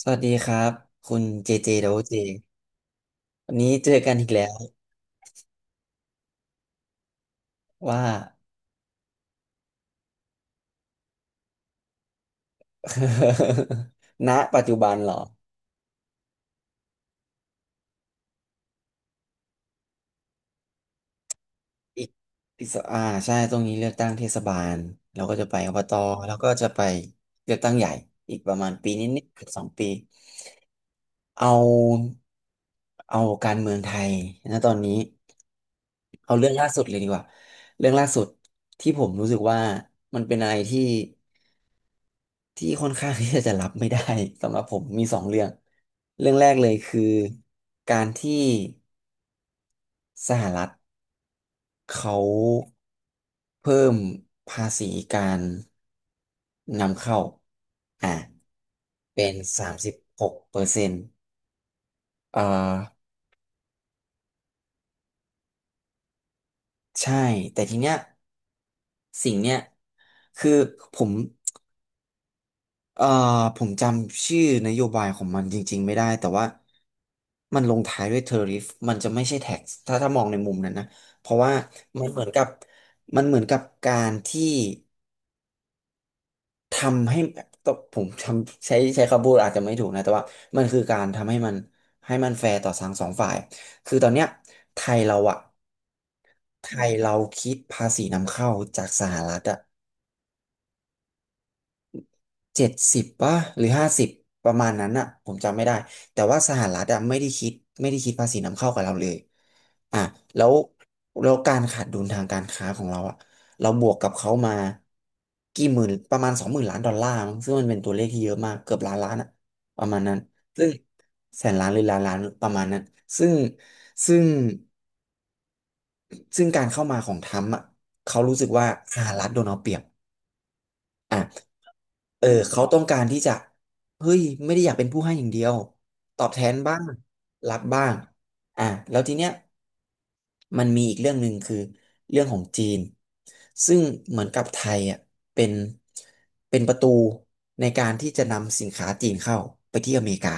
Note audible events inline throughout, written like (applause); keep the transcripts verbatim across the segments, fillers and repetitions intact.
สวัสดีครับคุณเจเจโดเจวันนี้เจอกันอีกแล้วว่า (laughs) ณปัจจุบันเหรออีกอีกสอ่าใช่ตรงนี้เลือกตั้งเทศบาลเราก็จะไปอบตแล้วก็จะไปเลือกตั้งใหญ่อีกประมาณปีนิดๆเกือบสองปีเอาเอาการเมืองไทยนะตอนนี้เอาเรื่องล่าสุดเลยดีกว่าเรื่องล่าสุดที่ผมรู้สึกว่ามันเป็นอะไรที่ ที่ค่อนข้างที่จะรับไม่ได้สำหรับผมมีสองเรื่องเรื่องแรกเลยคือการที่สหรัฐเขาเพิ่มภาษีการนำเข้าอ่าเป็นสามสิบหกเปอร์เซ็นต์อ่าใช่แต่ทีเนี้ยสิ่งเนี้ยคือผม เอ่อผมจำชื่อนโยบายของมันจริงๆไม่ได้แต่ว่ามันลงท้ายด้วย tariff มันจะไม่ใช่ tax ถ้าถ้ามองในมุมนั้นนะเพราะว่ามันเหมือนกับมันเหมือนกับการที่ทำให้ต้องผมทำใช้ใช้คำพูดอาจจะไม่ถูกนะแต่ว่ามันคือการทำให้มันให้มันแฟร์ต่อทั้งสองฝ่ายคือตอนเนี้ยไทยเราอะไทยเราคิดภาษีนำเข้าจากสหรัฐอะ เจ็ดสิบป่ะหรือห้าสิบประมาณนั้นอะผมจำไม่ได้แต่ว่าสหรัฐอะไม่ได้คิดไม่ได้คิดภาษีนำเข้ากับเราเลยอ่ะแล้วแล้วการขาดดุลทางการค้าของเราอะเราบวกกับเขามากี่หมื่นประมาณสองหมื่นล้านดอลลาร์มั้งซึ่งมันเป็นตัวเลขที่เยอะมากเกือบล้านล้านอะประมาณนั้นซึ่งแสนล้านหรือล้านล้านประมาณนั้นซึ่งซึ่งซึ่งการเข้ามาของทรัมป์อะเขารู้สึกว่าสหรัฐโดนเอาเปรียบอ่ะ เออเขาต้องการที่จะเฮ้ยไม่ได้อยากเป็นผู้ให้อย่างเดียวตอบแทนบ้างรับบ้างอ่ะแล้วทีเนี้ย มันมีอีกเรื่องหนึ่งคือเรื่องของจีนซึ่งเหมือนกับไทยอ่ะเป็นเป็นประตูในการที่จะนำสินค้าจีนเข้าไปที่อเมริกา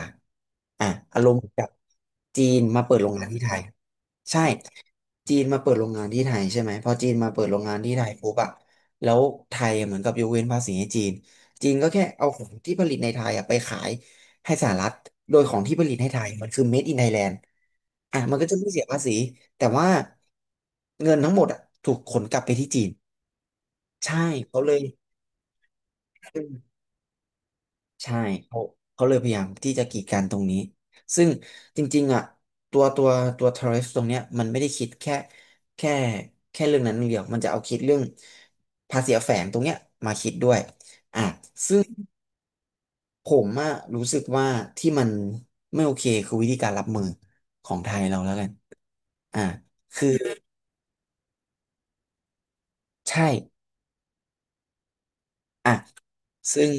อ่ะอารมณ์กับจีนมาเปิดโรงงานที่ไทยใช่จีนมาเปิดโรงงานที่ไทยใช่ไหมพอจีนมาเปิดโรงงานที่ไทยปุ๊บอ่ะแล้วไทยเหมือนกับยกเว้นภาษีให้จีนจีนก็แค่เอาของที่ผลิตในไทยอ่ะไปขาย ให้สหรัฐโดยของที่ผลิตให้ไทย มันคือ Made in Thailand อ่ะมันก็จะไม่เสียภาษีแต่ว่าเงินทั้งหมดอ่ะถูกขนกลับไปที่จีน ใช่ เขาเลยอืมใช่เขาเขาเลยพยายามที่จะกีดกันตรงนี้ ซึ่งจริงๆอ่ะตัวตัวตัว tariff ตรงเนี้ยมันไม่ได้คิดแค่แค่แค่เรื่องนั้นเรื่องเดียวมันจะเอาคิดเรื่องภาษีแฝงตรงเนี้ยมาคิดด้วยอ่ะซึ่ง ผมอะรู้สึกว่าที่มันไม่โอเคคือวิธีการรับมือของไทยเราแล้วกันอ่าใช่อ่ะซึ่ง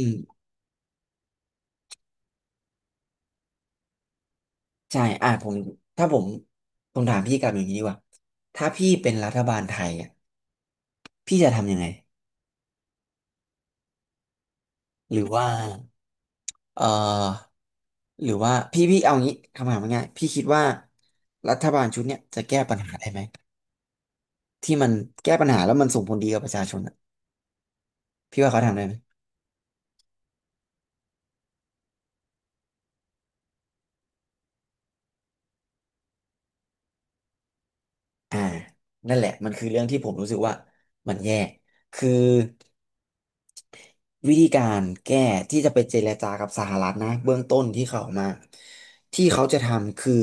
ใช่อ่ะผมถ้าผมผมถามพี่กลับอย่างนี้ดีกว่าถ้าพี่เป็นรัฐบาลไทยอะพี่จะทำยังไงหรือว่าเอ่อหรือว่าพี่พี่เอางี้คำถามง่ายๆพี่คิดว่ารัฐบาลชุดเนี้ยจะแก้ปัญหาได้ไหมที่มันแก้ปัญหาแล้วมันส่งผลดีกับประชาชนอะพี่ว่าเขาทำได้ไหม อ่านั่นแหละมันคือเรื่องที่ผมรู้สึกว่ามันแย่คือวิธีการแก้ที่จะไปเจรจากับสหรัฐนะเบื้องต้นที่เขาออกมาที่เขาจะทำคือ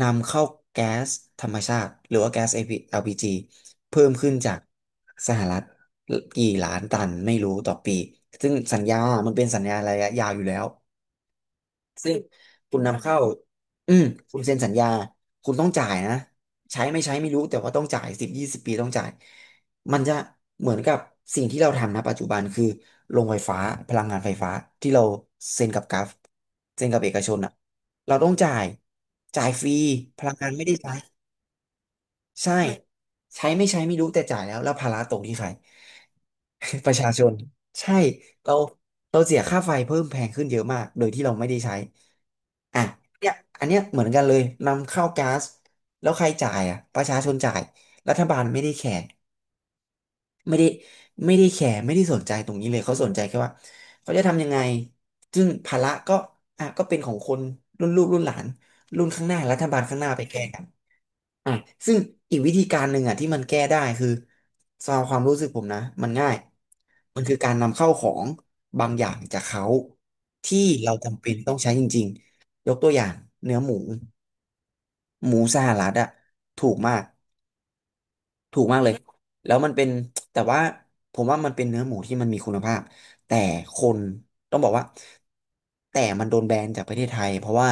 นำเข้าแก๊สธรรมชาติหรือว่าแก๊ส แอล พี ีแอลพีจ g เพิ่มขึ้นจากสหรัฐกี่ล้านตันไม่รู้ต่อปีซึ่งสัญญามันเป็นสัญญาระยะยาวอยู่แล้ว ซึ่งคุณนำเข้าอืมคุณเซ็นสัญญาคุณต้องจ่ายนะใช้ไม่ใช้ไม่รู้แต่ว่าต้องจ่ายสิบยี่สิบปีต้องจ่ายมันจะเหมือนกับสิ่งที่เราทำนะปัจจุบันคือโรงไฟฟ้าพลังงานไฟฟ้าที่เราเซ็นกับกราฟเซ็นกับเอกชนอ่ะเราต้องจ่ายจ่ายฟรีพลังงานไม่ได้ใช้ใช่ใช้ไม่ใช้ไม่รู้แต่จ่ายแล้วแล้วภาระตกที่ใคร (laughs) ประชาชนใช่เราเราเสียค่าไฟเพิ่มแพงขึ้นเยอะมากโดยที่เราไม่ได้ใช้ อ่ะเนี่ยอันเนี้ยเหมือนกันเลยนำเข้าก๊าซแล้วใครจ่ายอ่ะประชาชนจ่ายรัฐบาลไม่ได้แคร์ไม่ได้ไม่ได้แคร์ไม่ได้สนใจตรงนี้เลยเขาสนใจแค่ว่าเขาจะทำยังไงซึ่งภาระก็อ่ะก็เป็นของคนรุ่นลูกรุ่นหลานรุ่นข้างหน้ารัฐบาลข้างหน้าไปแก้กันอ่ะซึ่งอีกวิธีการหนึ่งอ่ะที่มันแก้ได้คือสำหรับความรู้สึกผมนะมันง่ายมันคือการนำเข้าของบางอย่างจากเขาที่เราจำเป็นต้องใช้จริงๆยกตัวอย่างเนื้อหมู หมูสหรัฐอะถูกมากถูกมากเลยแล้วมันเป็นแต่ว่าผมว่ามันเป็นเนื้อหมูที่มันมีคุณภาพแต่คนต้องบอกว่าแต่มันโดนแบนจากประเทศไทยเพราะว่า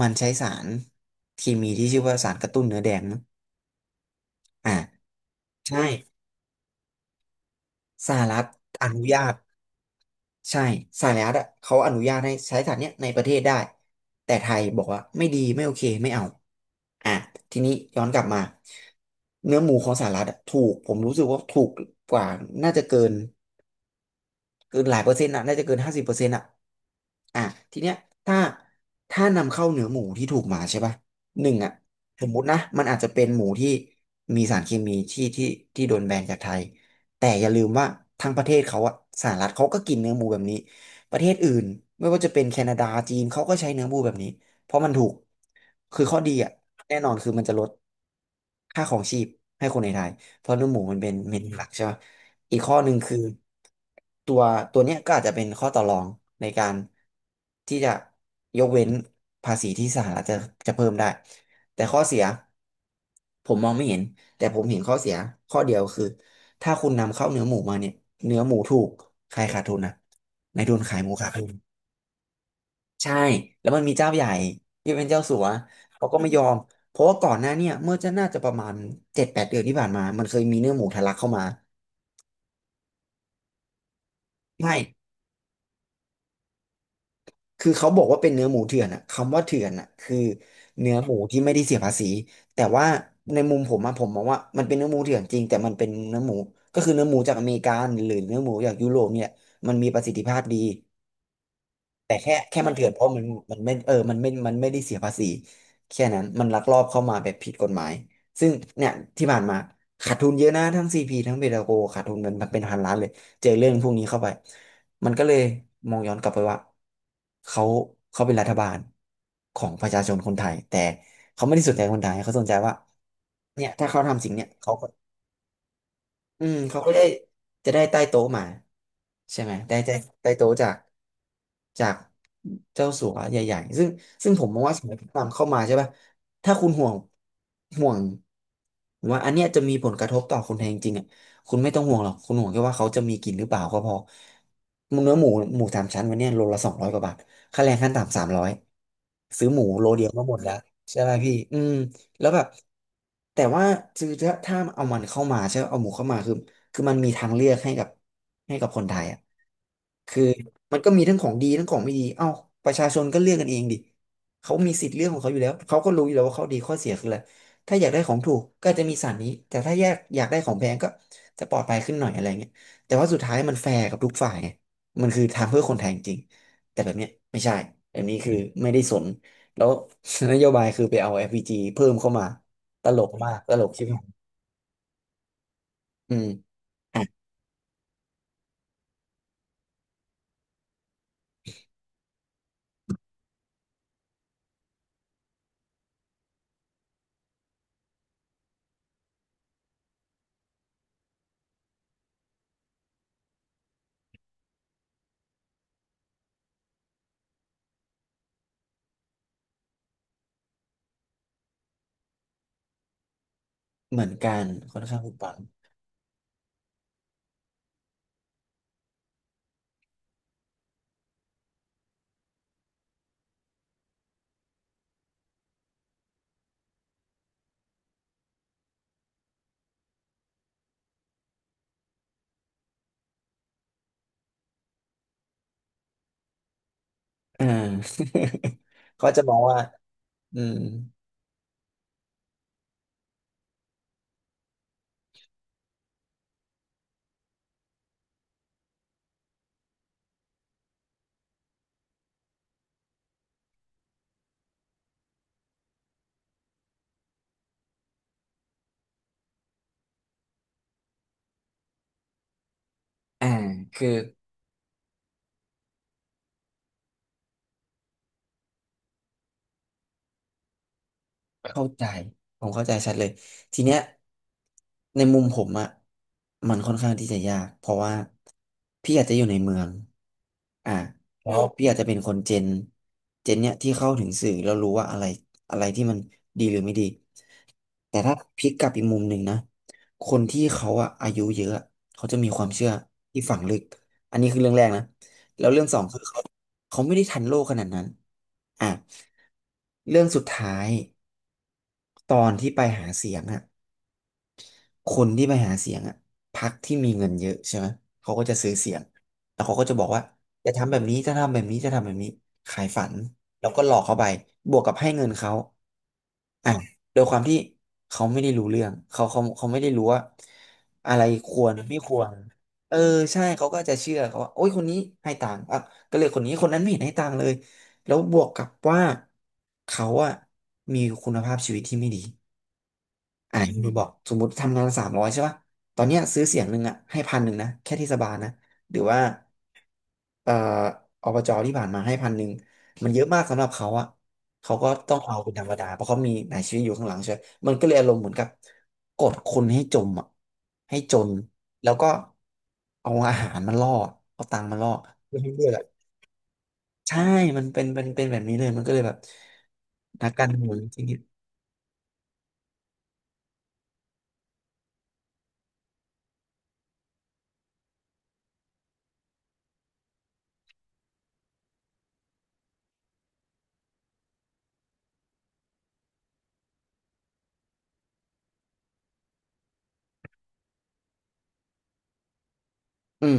มันใช้สารเคมีที่ชื่อว่าสารกระตุ้นเนื้อแดงมั้งอ่าใช่สหรัฐอนุญาต ใช่สายลัดอะเขาอนุญาตให้ใช้สัตว์เนี้ยในประเทศได้แต่ไทยบอกว่าไม่ดีไม่โอเคไม่เอาอ่ะทีนี้ย้อนกลับมาเนื้อหมูของสหรัฐอะถูกผมรู้สึกว่าถูกกว่าน่าจะเกิน เกินหลายเปอร์เซ็นต์อ่ะน่าจะเกินห้าสิบเปอร์เซ็นต์อ่ะอ่ะทีเนี้ยถ้า ถ้านำเข้าเนื้อหมูที่ถูกมาใช่ป่ะหนึ่งอ่ะสมมุตินะมันอาจจะเป็นหมูที่มีสารเคมีที่ที่ที่โดนแบนจากไทยแต่อย่าลืมว่าทางประเทศเขาอ่ะสหรัฐเขาก็กินเนื้อหมูแบบนี้ประเทศอื่นไม่ว่าจะเป็นแคนาดาจีนเขาก็ใช้เนื้อหมูแบบนี้เพราะมันถูกคือข้อดีอ่ะแน่นอนคือมันจะลดค่าของชีพให้คนในไทยเพราะเนื้อหมูมันเป็นเมนูหลักใช่ปะ อีกข้อหนึ่งคือตัวตัวเนี้ยก็อาจจะเป็นข้อต่อรองในการที่จะยกเว้นภาษีที่สหรัฐจะจะเพิ่มได้แต่ข้อเสียผมมองไม่เห็นแต่ผมเห็นข้อเสียข้อเดียวคือถ้าคุณนำเข้าเนื้อหมูมาเนี่ยเนื้อหมูถูกใครขาดทุนนะนายทุนขายหมูขาดทุนใช่แล้วมันมีเจ้าใหญ่ที่เป็นเจ้าสัวเขาก็ไม่ยอมเพราะว่าก่อนหน้าเนี่ยเมื่อจะน่าจะประมาณเจ็ดแปดเดือนที่ผ่านมามันเคยมีเนื้อหมูทะลักเข้ามาใช่ คือเขาบอกว่าเป็นเนื้อหมูเถื่อนอะคำว่าเถื่อนอะคือเนื้อหมูที่ไม่ได้เสียภาษีแต่ว่าในมุมผมอะผมมองว่ามันเป็นเนื้อหมูเถื่อนจริงแต่มันเป็นเนื้อหมูก็คือเนื้อหมูจากอเมริกันหรือเนื้อหมูจากยุโรปเนี่ยมันมีประสิทธิภาพดี แต่แค่แค่มันเถื่อนเพราะมันมันไม่เออมันไม่มันไม่ได้เสียภาษีแค่นั้นมันลักลอบเข้ามาแบบผิดกฎหมายซึ่งเนี่ยที่ผ่านมาขาดทุนเยอะนะทั้งซีพีทั้งเบตาโกขาดทุนเป็นเป็นพันล้านเลยเจอเรื่องพวกนี้เข้าไปมันก็เลยมองย้อนกลับไปว่าเขาเขาเป็นรัฐบาลของประชาชนคนไทยแต่เขาไม่ได้สนใจคนไทยเขาสนใจว่าเนี่ยถ้าเขาทำสิ่งเนี่ยเขา อืมเขาก็ได้จะได้ใต้โต๊ะมาใช่ไหมได้ได้ใต้โต๊ะจากจากเจ้าสัวใหญ่ๆซึ่งซึ่งผมมองว่าสมัยนำเข้ามาใช่ป่ะถ้าคุณห่วงห่วงว่าอันเนี้ยจะมีผลกระทบต่อคนไทยจริงๆอ่ะคุณไม่ต้องห่วงหรอกคุณห่วงแค่ว่าเขาจะมีกินหรือเปล่าก็พอเนื้อหมูหมูสามชั้นวันเนี้ยโลละสองร้อยกว่าบาทค่าแรงขั้นต่ำสามร้อยซื้อหมูโลเดียวก็หมดแล้วใช่ไหมพี่อืม แล้วแบบแต่ว่าคือถ้าถ้าเอามันเข้ามาใช่ไหมเอาหมูเข้ามาคือคือมันมีทางเลือกให้กับให้กับคนไทยอ่ะคือมันก็มีทั้งของดีทั้งของไม่ดีเอ้าประชาชนก็เลือกกันเองดิเขามีสิทธิ์เลือกของเขาอยู่แล้วเขาก็รู้อยู่แล้วว่าเขาดีข้อเสียคืออะไรถ้าอยากได้ของถูกก็จะมีสารนี้แต่ถ้าอยากอยากได้ของแพงก็จะปลอดภัยขึ้นหน่อยอะไรเงี้ยแต่ว่าสุดท้ายมันแฟร์กับทุกฝ่ายไงมันคือทำเพื่อคนไทยจริงๆแต่แบบเนี้ยไม่ใช่แบบนี้คือไม่ได้สน แล้ว (laughs) นโยบายคือไปเอา เอฟ พี จี เพิ่มเข้ามาตลกมากตลกใช่ไหมอืมอ่ะเหมือนกันค่อนข้างผุดบังอ่า (laughs) เขาจะมองว่าอืมอ่าคือ เข้าใจผมเข้าใจชัดเลยทีเนี้ยในมุมผมอะมันค่อนข้างที่จะยากเพราะว่าพี่อาจจะอยู่ในเมืองอ่าแล้วพี่อาจจะเป็นคนเจนเจนเนี้ยที่เข้าถึงสื่อแล้วรู้ว่าอะไรอะไรที่มันดีหรือไม่ดีแต่ถ้าพลิกกลับอีกมุมหนึ่งนะคนที่เขาอะอายุเยอะอะเขาจะมีความเชื่อที่ฝังลึกอันนี้คือเรื่องแรกนะแล้วเรื่องสองคือเขาเขาไม่ได้ทันโลกขนาดนั้นอ่ะเรื่องสุดท้าย ตอนที่ไปหาเสียงอ่ะคนที่ไปหาเสียงอ่ะพรรคที่มีเงินเยอะใช่ไหมเขาก็จะซื้อเสียงแล้วเขาก็จะบอกว่าจะทำแบบนี้จะทำแบบนี้จะทำแบบนี้ขายฝันแล้วก็หลอกเขาไปบวกกับให้เงินเขาอ่ะโดยความที่เขาไม่ได้รู้เรื่องเขาเขาเขาไม่ได้รู้ว่าอะไรควรไม่ควรเออใช่เขาก็จะเชื่อเขาว่าโอ้ยคนนี้ให้ตังค์อ่ะก็เลยคนนี้คนนั้นไม่เห็นให้ตังค์เลยแล้วบวกกับว่าเขาอะมีคุณภาพชีวิตที่ไม่ดี อ่าคุณบอกสมมติทำงานสามร้อยใช่ป่ะตอนเนี้ยซื้อเสียงหนึ่งอ่ะให้พันหนึ่งนะแค่เทศบาลนะหรือว่าเอ่ออบจที่ผ่านมาให้พันหนึ่งมันเยอะมากสำหรับเขาอ่ะเขาก็ต้องเอาเป็นธรรมดาเพราะเขามีนายชีวิตอยู่ข้างหลังใช่ไหมมันก็เลยอารมณ์เหมือนกับกดคนให้จมอ่ะให้จนแล้วก็เอาอาหารมาล่อเอาตังค์มาล่อเพื่อให้เลือกอะใช่มันเป็นเป็นเป็นแบบนี้เลยมันก็เลยแบบนักการเมืองที่อืม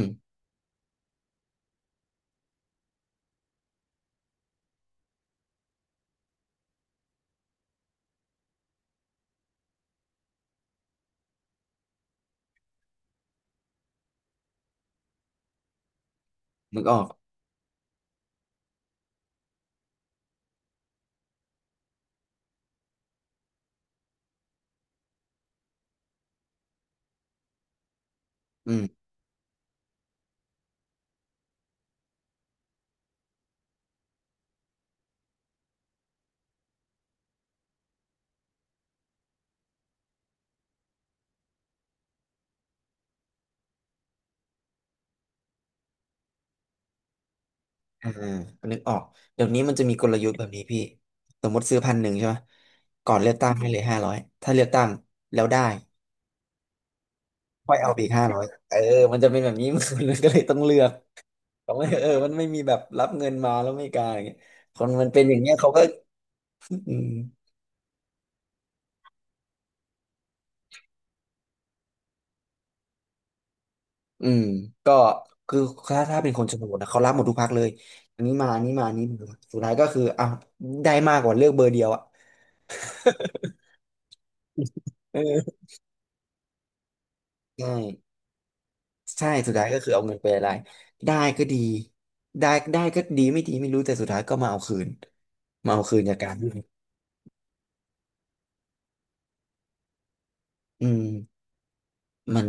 นึกออกอืม อ่านึกออกเดี๋ยวนี้มันจะมีกลยุทธ์แบบนี้พี่สมมติซื้อพันหนึ่งใช่ไหม ก่อนเลือกตั้งให้เลยห้าร้อยถ้าเลือกตั้งแล้วได้ค่อยเอาไปอีกห้าร้อยเออมันจะเป็นแบบนี้ (laughs) มันก็เลยต้องเลือกเขาไม่เออมันไม่มีแบบรับเงินมาแล้วไม่กล้าอย่างเงี้ยคนมันเป็นอย่างเงี้ยเขาก็อืมอืมก็คือถ้าถ้าเป็นคนชนบทนะเขารับหมดทุกพรรคเลย อันนี้มาอันนี้มาอันนี้มาสุดท้ายก็คืออ้าวได้มากกว่าเลือกเบอร์เดียวอ่ะ (laughs) เออใช่ ใช่สุดท้ายก็คือเอาเงินไปละลายได้ก็ดีได้ได้ก็ดีไม่ดีไม่รู้แต่สุดท้ายก็มาเอาคืนมาเอาคืนจากการที่อืมมัน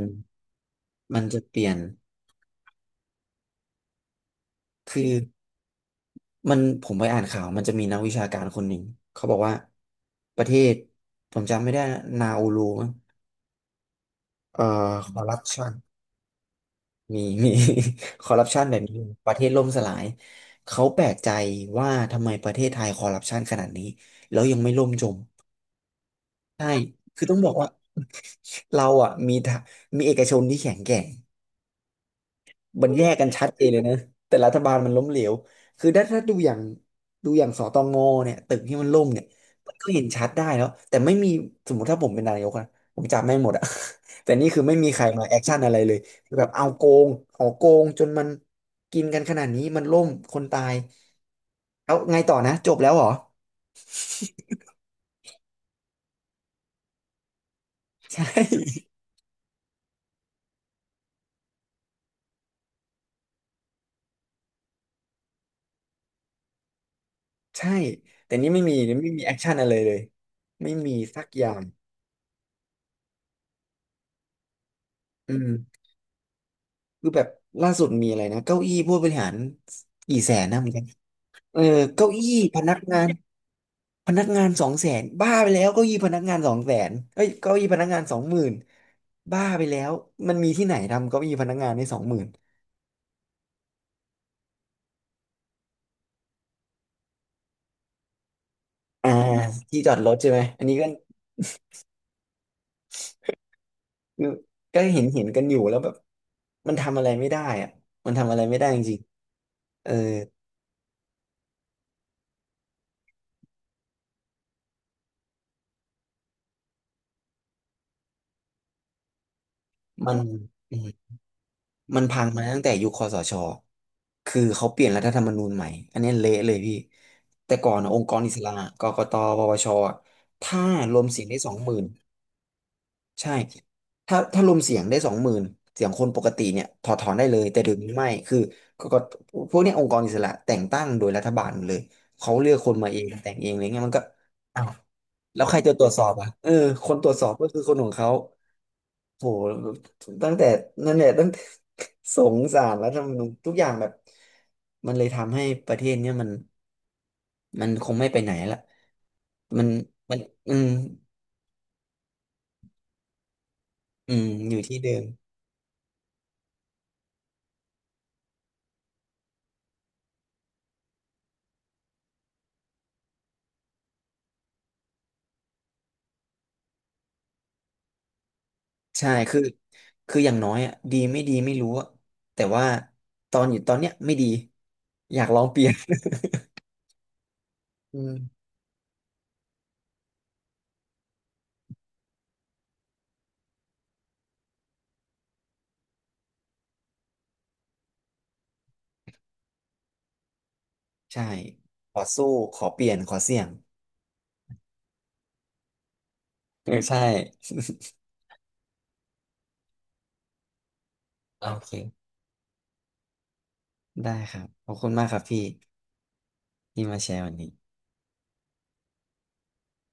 มันจะเปลี่ยนคือมันผมไปอ่านข่าวมันจะมีนักวิชาการคนหนึ่งเขาบอกว่าประเทศผมจำไม่ได้นะนาอูรูมั้งเอ่อคอร์รัปชันมีมี (laughs) คอร์รัปชันแบบนี้ประเทศล่มสลายเขาแปลกใจว่าทำไมประเทศไทยคอร์รัปชันขนาดนี้แล้วยังไม่ล่มจม ใช่คือต้องบอกว่า (laughs) เราอ่ะมีทะมีเอกชนที่แข็งแกร่งมันแยกกันชัดเจนเลยนะแต่รัฐบาลมันล้มเหลวคือถ้าถ้าดูอย่างดูอย่างสตงเนี่ยตึกที่มันล่มเนี่ยมันก็เห็นชัดได้แล้วแต่ไม่มีสมมติถ้าผมเป็นนายกอะผมจับแม่งหมดอะ (laughs) แต่นี่คือไม่มีใครมาแอคชั่นอะไรเลยคือแบบเอาโกงหอโกงจนมันกินกันขนาดนี้มันล่มคนตายแล้วไงต่อนะจบแล้วเหรอใช่ ใช่แต่นี่ไม่มีไม่มีแอคชั่นอะไรเลยไม่มีสักอย่างอืมคือแบบล่าสุดมีอะไรนะเก้าอี้ผู้บริหารกี่แสนนะเหมือนกันเออเก้าอี้พนักงานพนักงานสองแสนบ้าไปแล้วเก้าอี้พนักงานสองแสนเอ้ยเก้าอี้พนักงานสองหมื่นบ้าไปแล้วมันมีที่ไหนทำเก้าอี้พนักงานได้สองหมื่นอ่าที่จอดรถใช่ไหมอันนี้ก็ก็เห็นเห็นกันอยู่แล้วแบบมันทำอะไรไม่ได้อะมันทำอะไรไม่ได้จริงๆเออมัน มันพังมาตั้งแต่ยุคคสชคือเขาเปลี่ยนรัฐธรรมนูญใหม่อันนี้เละเลยพี่แต่ก่อนอะองค์กรอิสระกกตปปชอะถ้ารวมเสียงได้สองหมื่นใช่ถ้าถ้ารวมเสียงได้สองหมื่นเสียงคนปกติเนี่ยถอดถอนได้เลยแต่เดี๋ยวนี้ไม่คือกกตพวกเนี้ยองค์กรอิสระแต่งตั้งโดยรัฐบาลหมดเลยเขาเลือกคนมาเองแต่งเองอะไรเงี้ยมันก็อ้าวแล้วใครจะตรวจสอบอ่ะเออคนตรวจสอบก็คือคนของเขา โหตั้งแต่นั่นแหละตั้งแต่ (laughs) สงสารรัฐธรรมนูญทุกอย่างแบบมันเลยทำให้ประเทศเนี่ยมันมันคงไม่ไปไหนละมันมันอืมอืมอยู่ที่เดิมใช่คือคืออย่างน้อยอ่ะดีไม่ดีไม่รู้อะแต่ว่าตอนอยู่ตอนเนี้ยไม่ดีอยากลองเปลี่ยน (laughs) อืมใช่ขอสู้ขอเปลี่ยนขอเสี่ยงเออใช่โอเคได้ครับขอบคุณมากครับพี่ที่มาแชร์วันนี้